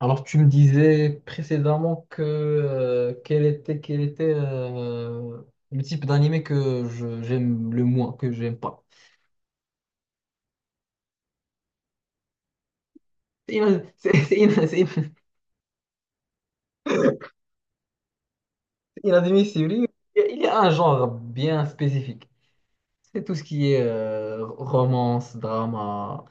Alors, tu me disais précédemment quel était le type d'animé que j'aime le moins, que j'aime pas. C'est inadmissible. Il y a un genre bien spécifique. C'est tout ce qui est romance, drama.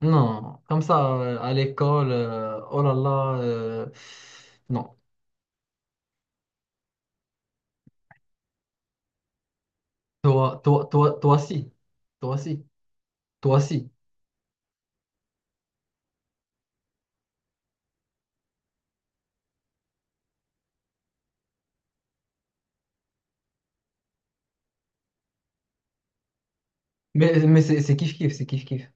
Non, comme ça, à l'école, oh là là, non. Toi, toi, toi, toi, si. Toi, si. Toi, si. Mais c'est kiff-kiff, c'est kiff-kiff.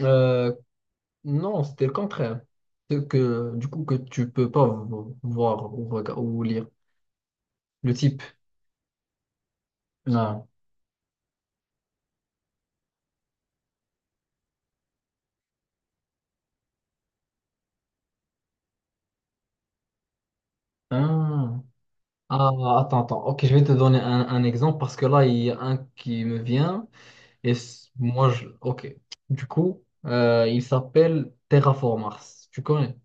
Euh, Non, c'était le contraire. C'est que, du coup, que tu peux pas voir ou, ou lire le type. Non. Ah, Ah, attends. Ok, je vais te donner un exemple parce que là, il y a un qui me vient et moi, je... Ok. Du coup, il s'appelle Terraformars. Tu connais?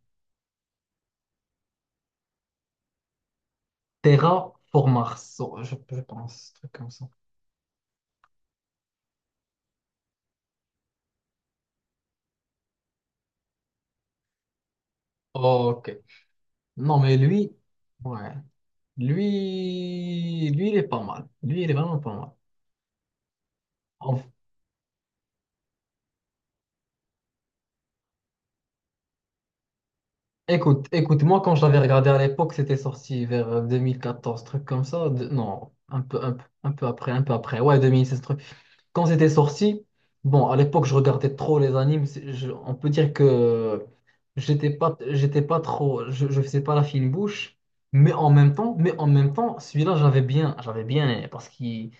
Terraformars, oh, je pense, un truc comme ça. Ok. Non, mais lui, ouais. Lui, il est pas mal. Lui, il est vraiment pas mal. Écoute, écoute, moi quand je l'avais regardé à l'époque, c'était sorti vers 2014, truc comme ça. Non, un peu, un peu, un peu après, un peu après. Ouais, 2016, truc. Quand c'était sorti, bon, à l'époque, je regardais trop les animes. On peut dire que j'étais pas trop, je faisais pas la fine bouche. Mais en même temps, celui-là, j'avais bien aimé, parce qu'il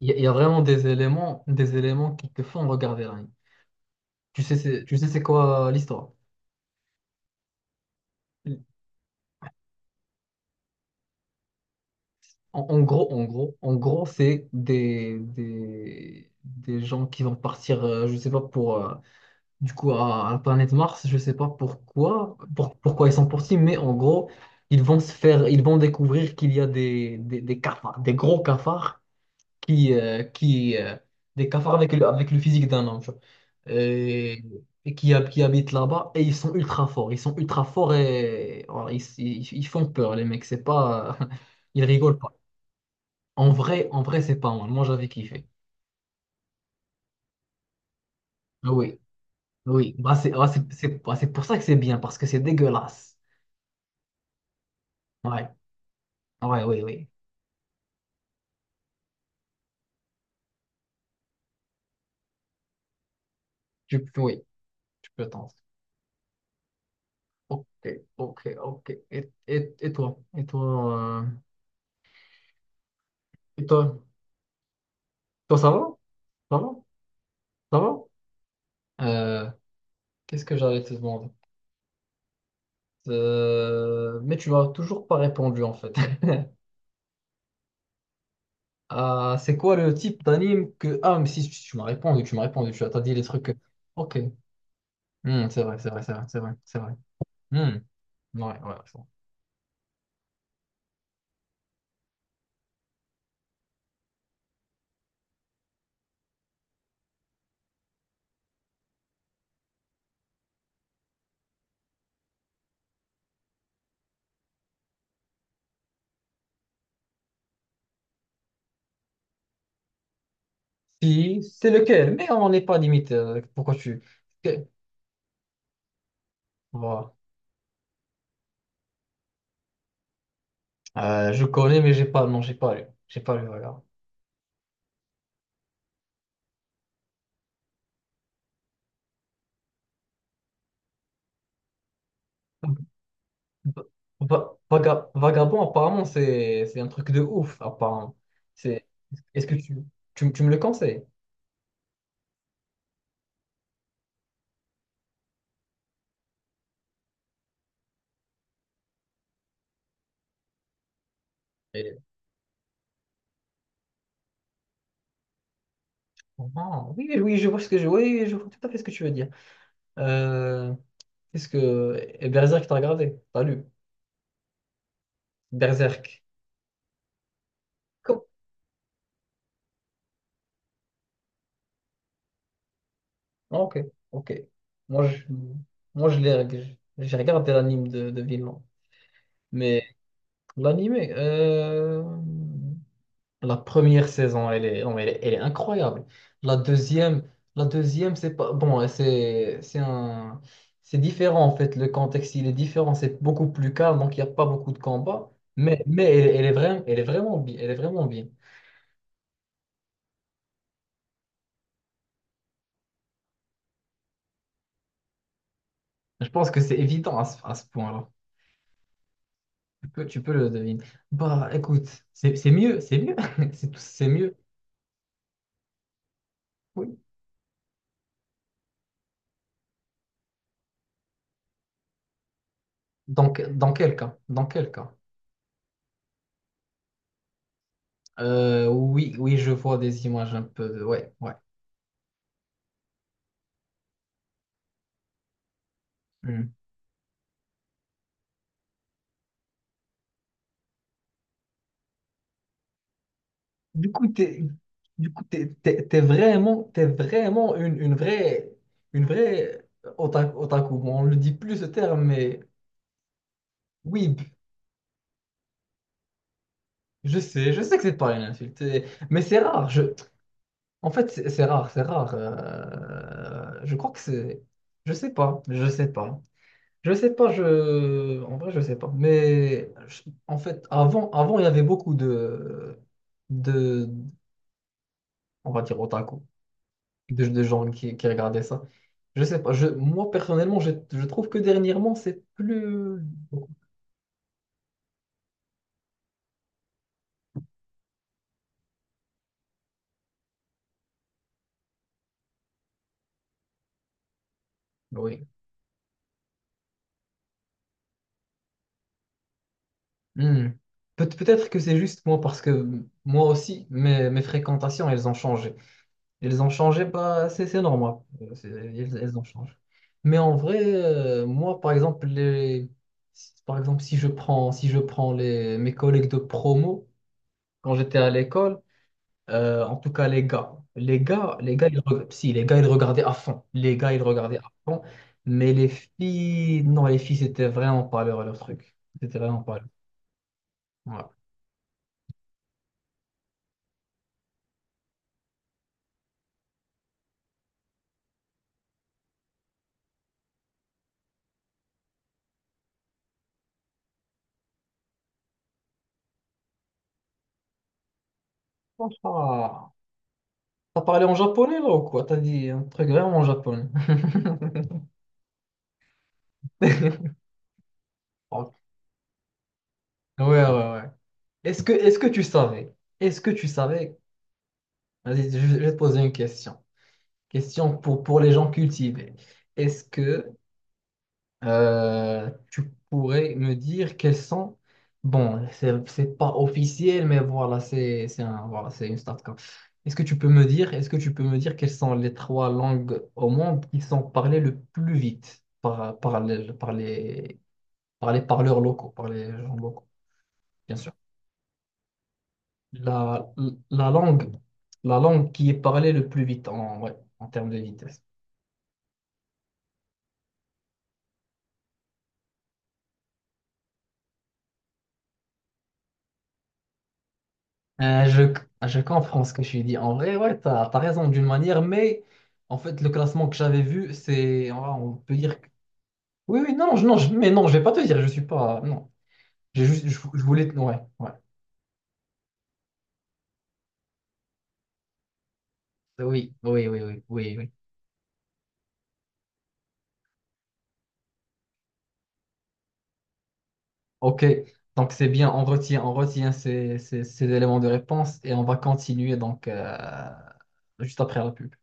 il y a vraiment des éléments qui te font regarder l'anime. Tu sais, tu sais, c'est quoi l'histoire? En gros, c'est des gens qui vont partir, je sais pas pour, à la planète Mars, je sais pas pourquoi, pourquoi ils sont partis, mais en gros, ils vont découvrir qu'il y a des cafards, des gros cafards qui, euh, qui, euh, des cafards avec le physique d'un homme, tu vois. Et, et qui, qui habitent là-bas, et ils sont ultra forts, ils sont ultra forts et voilà, ils font peur, les mecs, c'est pas, ils rigolent. En vrai, c'est pas mal. Moi, j'avais kiffé. Oui, oui. Bah, c'est ah, c'est- bah, c'est pour ça que c'est bien, parce que c'est dégueulasse. Ouais, ouais, oui, oui. Oui, tu peux t'en. Ok, ok, ok. Et toi? Et toi, et toi? Toi, ça va? Ça va? Ça va? Euh, Qu'est-ce que j'allais te demander? Mais tu m'as toujours pas répondu, en fait. Ah, c'est quoi le type d'anime que... Ah, mais si, tu m'as répondu, tu m'as répondu, tu as t'as dit les trucs... Ok. Hmm, c'est vrai, c'est vrai, c'est vrai, c'est vrai, c'est vrai. Hmm. Ouais, ouais, je vois. Si, c'est lequel, mais on n'est pas limite. Pourquoi tu. que- Voilà. Je connais, mais j'ai pas. Non, j'ai pas lu. J'ai pas lu, regarde. Va- Vagabond, apparemment, c'est un truc de ouf, apparemment. C'est. Est-ce que tu me le conseilles? Et- Ah, oui, oui, je vois ce que je. Oui, je vois tout à fait ce que tu veux dire. Euh, est-ce que. Et Berserk, t'as regardé? T'as lu? Berserk. Ah, ok, ok. Moi, je, Moi, je l'ai, j'ai regardé l'anime de Vinland. Mais l'anime, la première saison, non, mais elle est incroyable. La deuxième, la deuxième, c'est pas, bon, c'est différent en fait. Le contexte, il est différent. C'est beaucoup plus calme, donc il n'y a pas beaucoup de combats. Mais elle, elle est vraiment bien, elle est vraiment bien. Je pense que c'est évident à ce point-là. Tu peux le deviner. Bah, écoute, c'est mieux, c'est mieux. Oui. Donc, dans quel cas? Dans quel cas? Oui, oui, je vois des images un peu de... Ouais, ouais. Hmm. Du coup, t'es, T'es vraiment, t'es vraiment une vraie otaku. Otaku. Bon, on le dit plus ce terme, mais oui, je sais que c'est pas une insulte, mais c'est rare. En fait, c'est rare, c'est rare. Je crois que c'est, je sais pas, je sais pas. Je sais pas, je... en vrai, je sais pas. En fait, avant, avant, il y avait beaucoup de, on va dire otaku, de gens qui regardaient ça. Je sais pas, je, moi personnellement, je trouve que dernièrement, c'est plus... Oui. Hmm. Peut-être que c'est juste moi parce que moi aussi, mes fréquentations, elles ont changé. Elles ont changé, pas c'est c'est normal. Elles, elles ont changé. Mais en vrai, moi, par exemple, les, si- par exemple, si je prends mes collègues de promo, quand j'étais à l'école, en tout cas, les gars, si, les gars, ils regardaient à fond. Les gars, ils regardaient à fond. Mais les filles, non, les filles, c'était vraiment pas leur, leur truc. C'était vraiment pas leur. Voilà. Ah, t'as parlé en japonais, là, ou quoi? T'as dit un truc vraiment en japonais. Ouais, ouais, ouais. Est-ce que tu savais, est-ce que tu savais, vas-y, je vais te poser une question, question pour les gens cultivés. Est-ce que tu pourrais me dire quels sont, bon, c'est pas officiel, mais voilà, voilà, c'est une start quoi. Est-ce que tu peux me dire quelles sont les 3 langues au monde qui sont parlées le plus vite par les parleurs locaux, par les gens locaux, bien sûr. La, la langue, la langue qui est parlée le plus vite en, ouais, en termes de vitesse. Euh, je, je comprends ce que je dis. En vrai, ouais, t'as raison d'une manière, mais en fait, le classement que j'avais vu, c'est, on peut dire que... Oui, oui, non, mais non, je vais pas te dire, je suis pas, non. J'ai juste, je voulais, ouais, ouais. Oui, oui, oui, oui, oui, oui. Ok, donc c'est bien, on retient ces éléments de réponse et on va continuer donc juste après la pub.